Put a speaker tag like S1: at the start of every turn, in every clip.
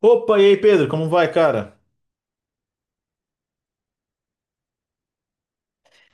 S1: Opa, e aí, Pedro, como vai, cara?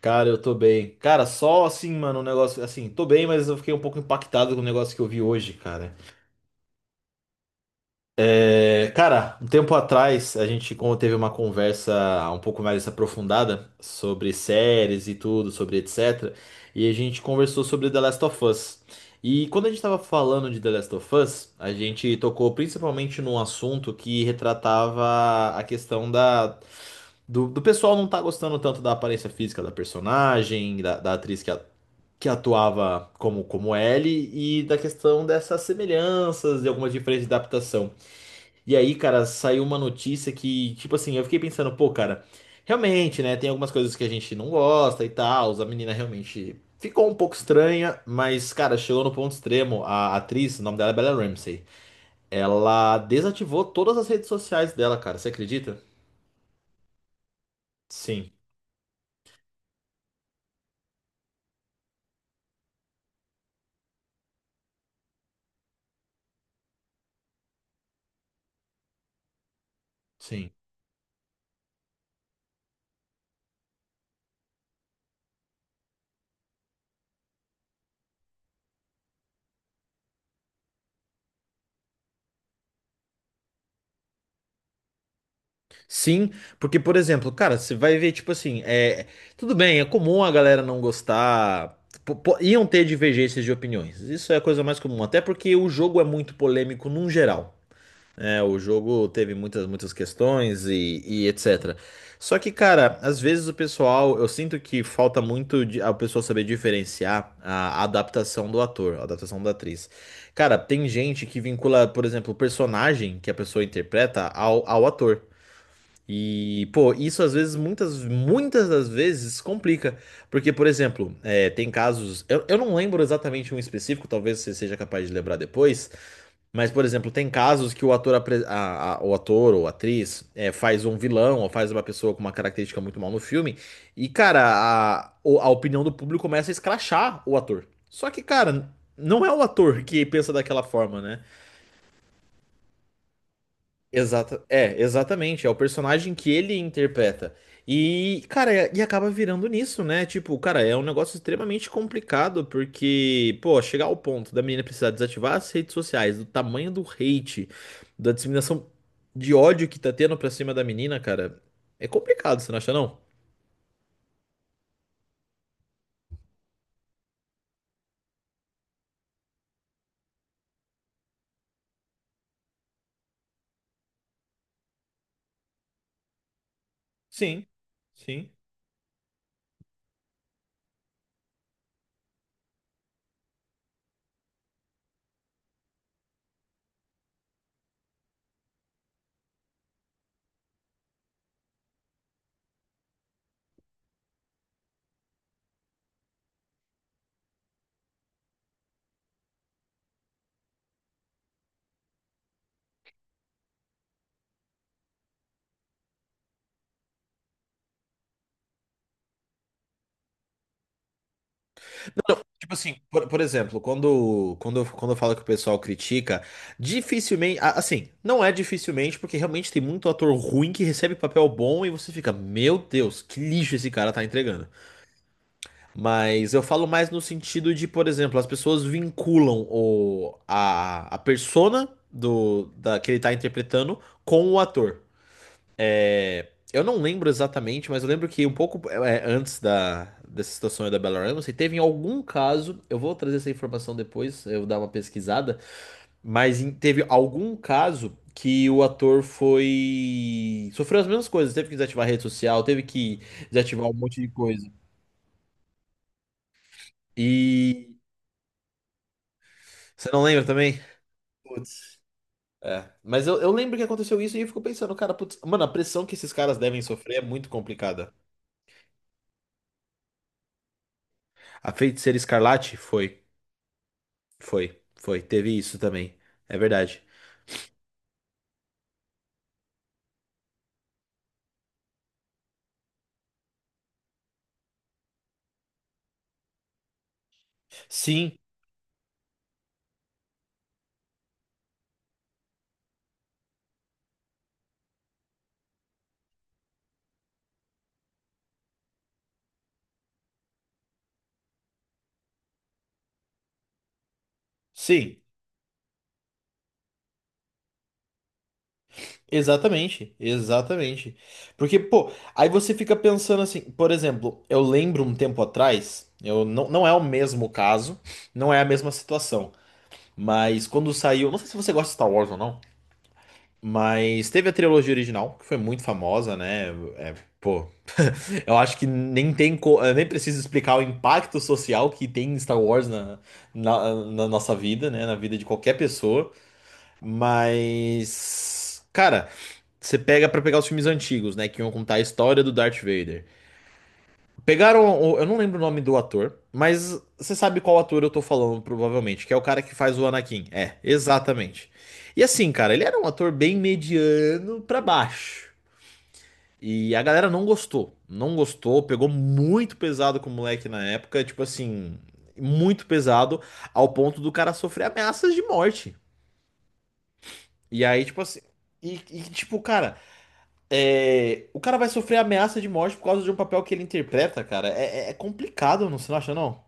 S1: Cara, eu tô bem. Cara, só assim, mano, um negócio assim, tô bem, mas eu fiquei um pouco impactado com o negócio que eu vi hoje, cara. É, cara, um tempo atrás a gente como teve uma conversa um pouco mais aprofundada sobre séries e tudo, sobre etc. E a gente conversou sobre The Last of Us. E quando a gente tava falando de The Last of Us, a gente tocou principalmente num assunto que retratava a questão da do pessoal não tá gostando tanto da aparência física da personagem, da atriz que, que atuava como, como Ellie, e da questão dessas semelhanças e algumas diferenças de adaptação. E aí, cara, saiu uma notícia que, tipo assim, eu fiquei pensando, pô, cara, realmente, né, tem algumas coisas que a gente não gosta e tal, a menina realmente ficou um pouco estranha, mas, cara, chegou no ponto extremo. A atriz, o nome dela é Bella Ramsey, ela desativou todas as redes sociais dela, cara, você acredita? Sim, sim. Sim, porque, por exemplo, cara, você vai ver, tipo assim, é, tudo bem, é comum a galera não gostar, iam ter divergências de opiniões, isso é a coisa mais comum, até porque o jogo é muito polêmico num geral, né? O jogo teve muitas, muitas questões e etc. Só que, cara, às vezes o pessoal, eu sinto que falta muito de, a pessoa saber diferenciar a adaptação do ator, a adaptação da atriz. Cara, tem gente que vincula, por exemplo, o personagem que a pessoa interpreta ao ator. E, pô, isso às vezes, muitas, muitas das vezes complica. Porque, por exemplo, é, tem casos. Eu não lembro exatamente um específico, talvez você seja capaz de lembrar depois. Mas, por exemplo, tem casos que o ator, o ator ou atriz é, faz um vilão ou faz uma pessoa com uma característica muito mal no filme. E, cara, a opinião do público começa a escrachar o ator. Só que, cara, não é o ator que pensa daquela forma, né? Exata, é, exatamente. É o personagem que ele interpreta. E, cara, e acaba virando nisso, né? Tipo, cara, é um negócio extremamente complicado, porque, pô, chegar ao ponto da menina precisar desativar as redes sociais, do tamanho do hate, da disseminação de ódio que tá tendo pra cima da menina, cara, é complicado, você não acha, não? Sim, sim. Tipo assim, por exemplo, quando eu falo que o pessoal critica, dificilmente. Assim, não é dificilmente, porque realmente tem muito ator ruim que recebe papel bom e você fica, meu Deus, que lixo esse cara tá entregando. Mas eu falo mais no sentido de, por exemplo, as pessoas vinculam a persona que ele tá interpretando com o ator. É, eu não lembro exatamente, mas eu lembro que um pouco é, antes da, dessa situação aí da Bella Ramsey, teve em algum caso, eu vou trazer essa informação depois, eu vou dar uma pesquisada, mas teve algum caso que o ator foi... sofreu as mesmas coisas, teve que desativar a rede social, teve que desativar um monte de coisa. E... Você não lembra também? Putz. É, mas eu lembro que aconteceu isso e eu fico pensando, cara, putz, mano, a pressão que esses caras devem sofrer é muito complicada. A Feiticeira Escarlate foi. Foi, foi, teve isso também. É verdade. Sim, sim, exatamente, exatamente. Porque, pô, aí você fica pensando assim, por exemplo, eu lembro um tempo atrás, eu não, não é o mesmo caso, não é a mesma situação, mas quando saiu, não sei se você gosta de Star Wars ou não, mas teve a trilogia original, que foi muito famosa, né? É, pô, eu acho que nem tem, eu nem preciso explicar o impacto social que tem Star Wars na, na nossa vida, né? Na vida de qualquer pessoa. Mas, cara, você pega pra pegar os filmes antigos, né, que iam contar a história do Darth Vader. Pegaram, eu não lembro o nome do ator, mas você sabe qual ator eu tô falando, provavelmente, que é o cara que faz o Anakin. É, exatamente. E assim, cara, ele era um ator bem mediano pra baixo. E a galera não gostou. Não gostou, pegou muito pesado com o moleque na época, tipo assim, muito pesado, ao ponto do cara sofrer ameaças de morte. E aí, tipo assim, tipo, cara, é, o cara vai sofrer ameaça de morte por causa de um papel que ele interpreta, cara. É, é complicado, não, você não acha, não?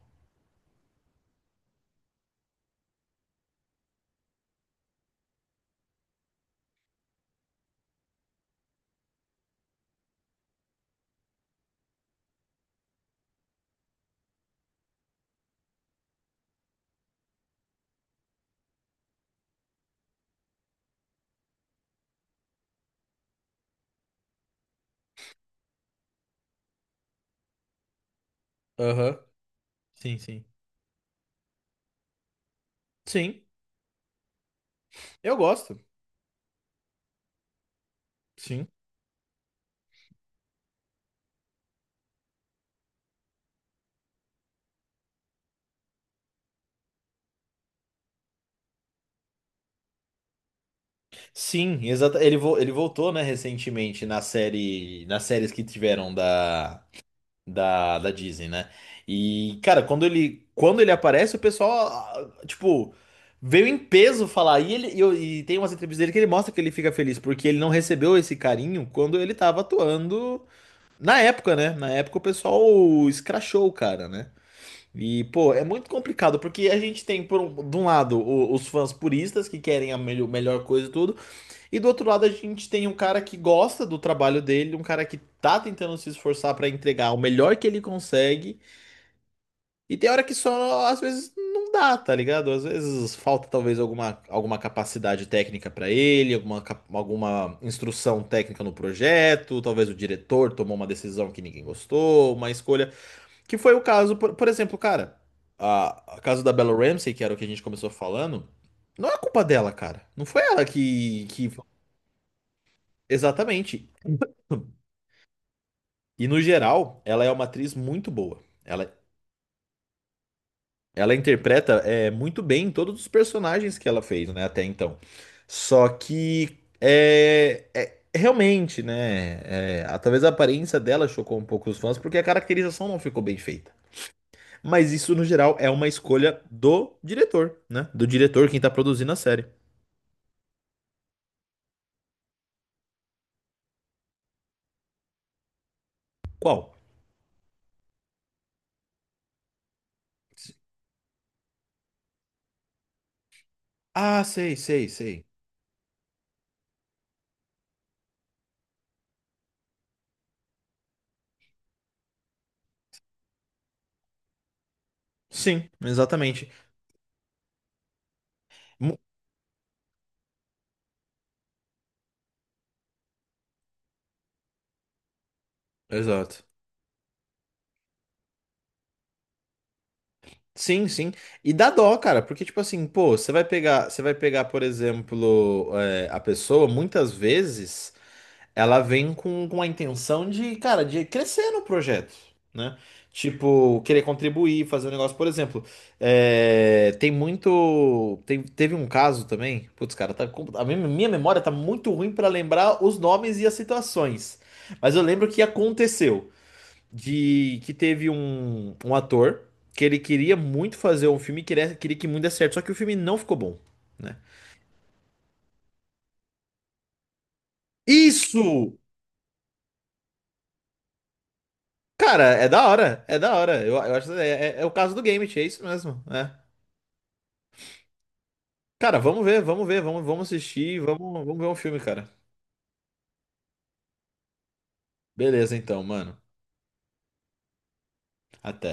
S1: Aham. Sim, sim. Sim, eu gosto. Sim. Sim, exata. Ele, ele voltou, né, recentemente na série, nas séries que tiveram da, da Disney, né? E, cara, quando ele aparece, o pessoal, ah, ah, tipo, veio em peso falar. E, ele, e, e tem umas entrevistas dele que ele mostra que ele fica feliz, porque ele não recebeu esse carinho quando ele tava atuando. Na época, né? Na época o pessoal escrachou o cara, né? E, pô, é muito complicado, porque a gente tem, por um, de um lado, os fãs puristas que querem a melhor coisa e tudo, e do outro lado a gente tem um cara que gosta do trabalho dele, um cara que tá tentando se esforçar pra entregar o melhor que ele consegue, e tem hora que só, às vezes, não dá, tá ligado? Às vezes falta talvez alguma, alguma capacidade técnica pra ele, alguma, alguma instrução técnica no projeto, talvez o diretor tomou uma decisão que ninguém gostou, uma escolha. Que foi o caso, por exemplo, cara, a caso da Bella Ramsey, que era o que a gente começou falando, não é culpa dela, cara. Não foi ela que... Exatamente. E no geral, ela é uma atriz muito boa. Ela ela interpreta é, muito bem todos os personagens que ela fez, né, até então. Só que é, realmente, né? É, talvez a aparência dela chocou um pouco os fãs, porque a caracterização não ficou bem feita. Mas isso, no geral, é uma escolha do diretor, né? Do diretor, quem tá produzindo a série. Qual? Ah, sei, sei, sei. Sim, exatamente. Mu- Exato. Sim, sim. E dá dó, cara, porque tipo assim, pô, você vai pegar, por exemplo, é, a pessoa, muitas vezes ela vem com a intenção de, cara, de crescer no projeto, né? Tipo, querer contribuir, fazer um negócio, por exemplo, é, tem muito, teve um caso também, putz, cara, tá, a minha, minha memória tá muito ruim pra lembrar os nomes e as situações, mas eu lembro que aconteceu de que teve um, um ator que ele queria muito fazer um filme, queria, queria que muito desse certo, só que o filme não ficou bom, né? Isso! Cara, é da hora, é da hora. Eu acho que é, é, é o caso do Gambit, é isso mesmo, né? Cara, vamos ver, vamos ver, vamos, vamos assistir, vamos, vamos ver um filme, cara. Beleza, então, mano. Até.